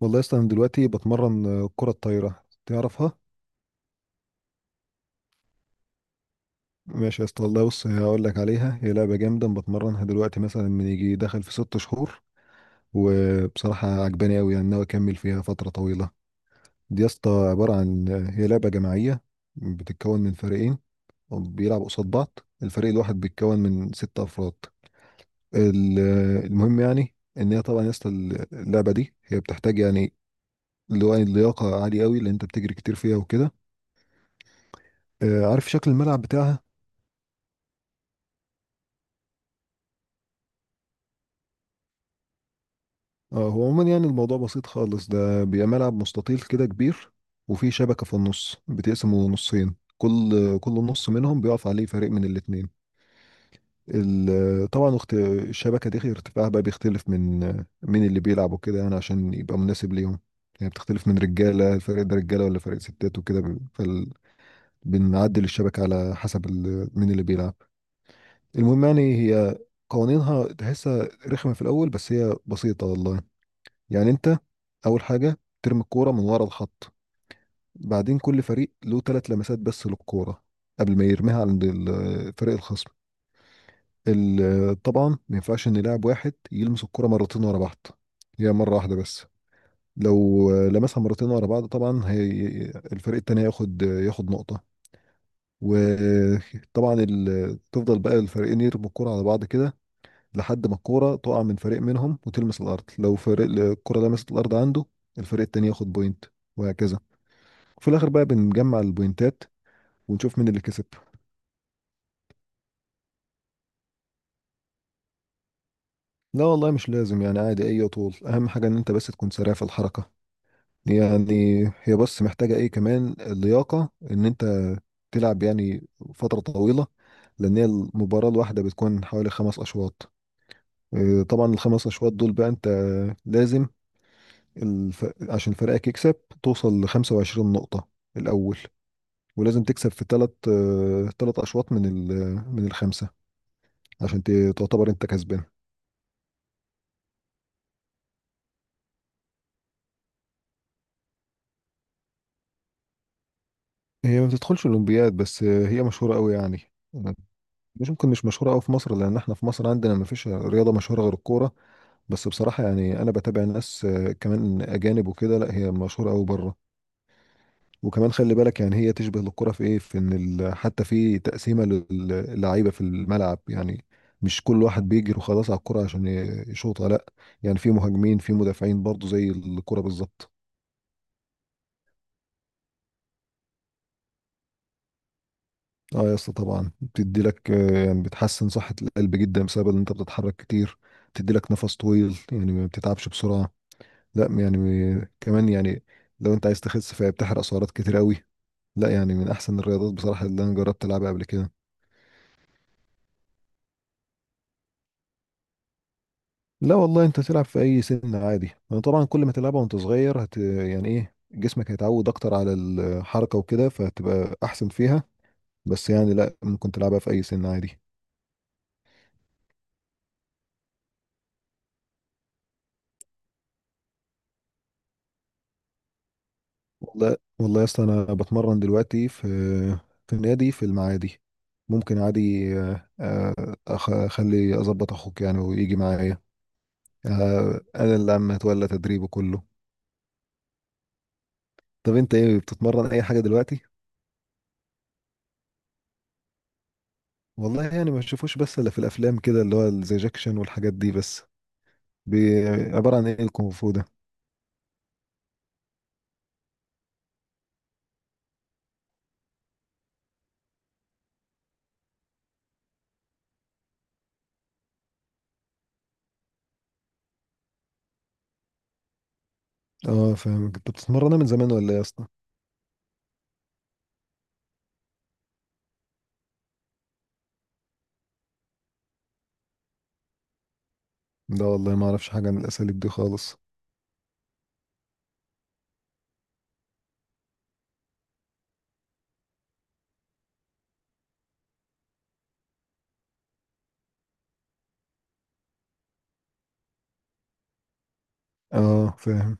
والله يا اسطى، انا دلوقتي بتمرن، كرة الطايرة. تعرفها؟ ماشي يا اسطى، والله بص هقول لك عليها. هي لعبة جامدة بتمرنها دلوقتي مثلا من يجي دخل في 6 شهور. وبصراحة عجباني قوي، يعني ناوي اكمل فيها فترة طويلة. دي يا اسطى عبارة عن هي لعبة جماعية. بتتكون من فريقين. بيلعبوا قصاد بعض. الفريق الواحد بيتكون من ست افراد. ال- المهم يعني ان هي طبعا يا اسطى، اللعبة دي هي بتحتاج، يعني اللي هو اللياقة عالية قوي، لان انت بتجري كتير فيها وكده. عارف شكل الملعب بتاعها؟ اه، هو عموما يعني الموضوع بسيط خالص. ده بيبقى ملعب مستطيل كده كبير، وفيه شبكة في النص بتقسمه نصين. كل نص منهم بيقف عليه فريق من الاتنين. طبعا الشبكة دي ارتفاعها بقى بيختلف من اللي بيلعب وكده، يعني عشان يبقى مناسب ليهم. يعني بتختلف من رجالة، الفريق ده رجالة ولا فريق ستات وكده. بنعدل الشبكة على حسب مين اللي بيلعب. المهم يعني هي، قوانينها تحسها رخمة في الأول، بس هي بسيطة والله. يعني انت، اول حاجه ترمي الكوره من ورا الخط. بعدين كل فريق له ثلاث لمسات بس للكوره، قبل ما يرميها عند فريق الخصم. طبعا ما ينفعش ان لاعب واحد يلمس الكوره مرتين ورا بعض. هي مره واحده بس. لو لمسها مرتين ورا بعض، طبعا هي، الفريق التاني ياخد نقطه. وطبعا تفضل بقى الفريقين يرموا الكوره على بعض كده، لحد ما الكورة تقع من فريق منهم وتلمس الأرض. لو فريق الكورة لمست الأرض عنده، الفريق التاني ياخد بوينت، وهكذا. وفي الآخر بقى بنجمع البوينتات ونشوف مين اللي كسب. لا والله مش لازم، يعني عادي أي طول. أهم حاجة إن أنت بس تكون سريع في الحركة. يعني هي بس محتاجة إيه كمان، اللياقة، إن أنت تلعب يعني فترة طويلة، لأن هي المباراة الواحدة بتكون حوالي خمس أشواط. طبعا الخمس أشواط دول بقى أنت لازم، عشان فريقك يكسب توصل ل 25 نقطة الأول. ولازم تكسب في ثلاث أشواط من من الخمسة، عشان تعتبر أنت كسبان. هي ما بتدخلش الأولمبياد، بس هي مشهورة قوي يعني. مش مشهورة قوي في مصر، لأن احنا في مصر عندنا ما فيش رياضة مشهورة غير الكورة. بس بصراحة يعني أنا بتابع ناس كمان أجانب وكده. لا، هي مشهورة قوي بره. وكمان خلي بالك، يعني هي تشبه الكرة في ايه، في ان حتى في تقسيمة للعيبة في الملعب يعني. مش كل واحد بيجري وخلاص على الكرة عشان يشوطها. لا، يعني في مهاجمين، في مدافعين، برضو زي الكرة بالظبط. اه يا اسطى، طبعا بتدي لك يعني بتحسن صحة القلب جدا بسبب ان انت بتتحرك كتير. بتدي لك نفس طويل، يعني ما بتتعبش بسرعة. لا يعني، كمان يعني، لو انت عايز تخس فهي بتحرق سعرات كتير قوي. لا يعني، من احسن الرياضات بصراحة اللي انا جربت العبها قبل كده. لا والله، انت تلعب في اي سن عادي. انا طبعا كل ما تلعبها وانت صغير يعني ايه، جسمك هيتعود اكتر على الحركه وكده، فهتبقى احسن فيها. بس يعني لا، ممكن تلعبها في اي سن عادي. والله يا اسطى، انا بتمرن دلوقتي في النادي في المعادي. ممكن عادي، اخلي اظبط اخوك يعني، ويجي معايا. انا اللي عم اتولى تدريبه كله. طب انت ايه بتتمرن اي حاجه دلوقتي؟ والله يعني ما تشوفوش بس الا في الافلام كده، اللي هو زي جاكشن والحاجات دي بس. بي- عبارة عن ايه الكونغ فو ده؟ اه فاهمك. انت بتتمرنها من زمان ولا ايه يا اسطى؟ لا والله ما اعرفش حاجة عن الاساليب دي خالص. اه، فاهم.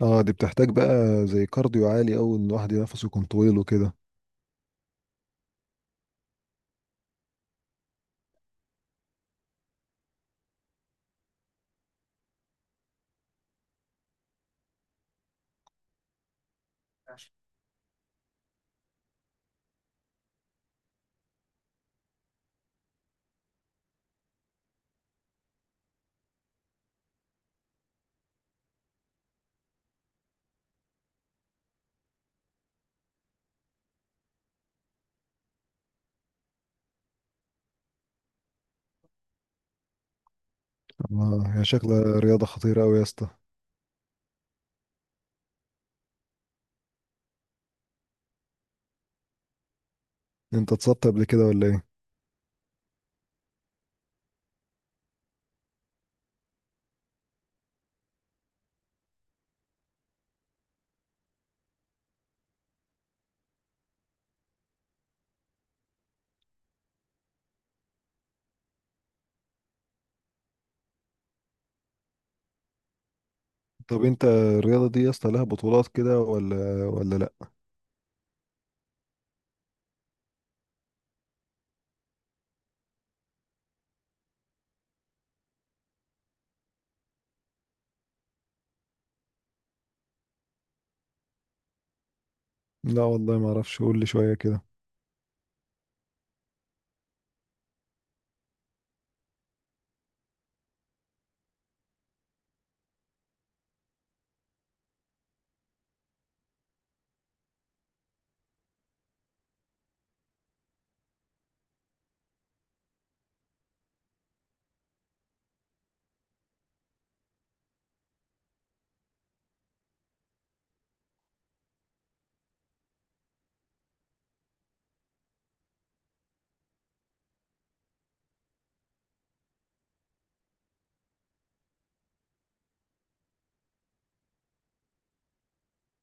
اه، دي بتحتاج بقى زي كارديو عالي، او ان الواحد نفسه يكون طويل وكده. اه، هي شكلها رياضة خطيرة اوي يا اسطى. انت اتصبت قبل كده ولا ايه؟ طب انت الرياضة دي يا اسطى لها بطولات كده ولا، لا؟ لا والله ما اعرفش، قول لي شوية كده.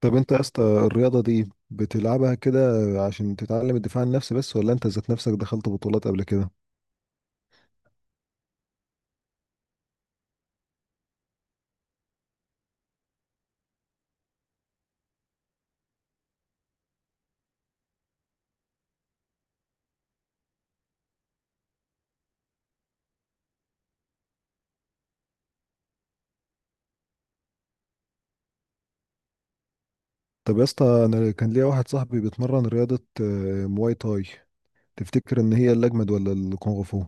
طب انت يا اسطى، الرياضة دي بتلعبها كده عشان تتعلم الدفاع عن النفس بس، ولا انت ذات نفسك دخلت بطولات قبل كده؟ طب يا اسطى، انا كان ليا واحد صاحبي بيتمرن رياضة مواي تاي. تفتكر ان هي الاجمد ولا الكونغ فو؟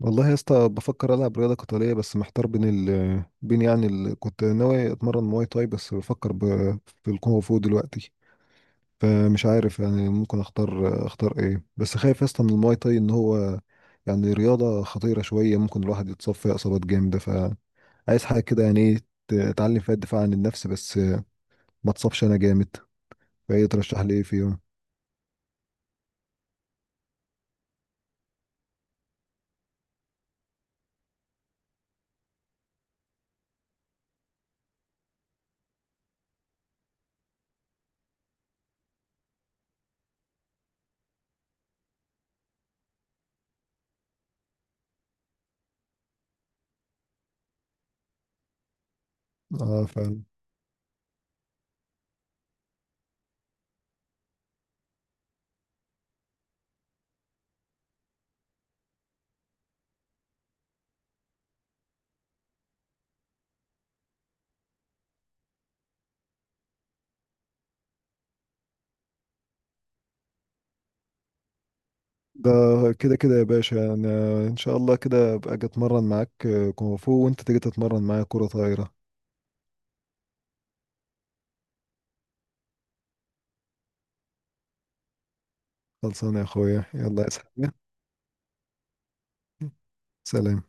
والله يا اسطى بفكر العب رياضة قتالية، بس محتار بين يعني كنت ناوي اتمرن مواي تاي، بس بفكر في الكونغ فو دلوقتي. فمش عارف يعني، ممكن اختار ايه؟ بس خايف يا اسطى من المواي تاي ان هو يعني رياضة خطيرة شوية، ممكن الواحد يتصاب فيها اصابات جامدة. فعايز حاجة كده يعني، ايه، اتعلم فيها الدفاع عن النفس بس، ما اتصابش انا جامد. فايه ترشح لي ايه فيهم؟ اه، فعلا. ده كده كده يا باشا، انا ان شاء الله كده ابقى اجي اتمرن معاك كونغ فو، وانت تيجي تتمرن معايا كرة طايرة. خلصانه يا اخويا. يلا يا سلام. سلام.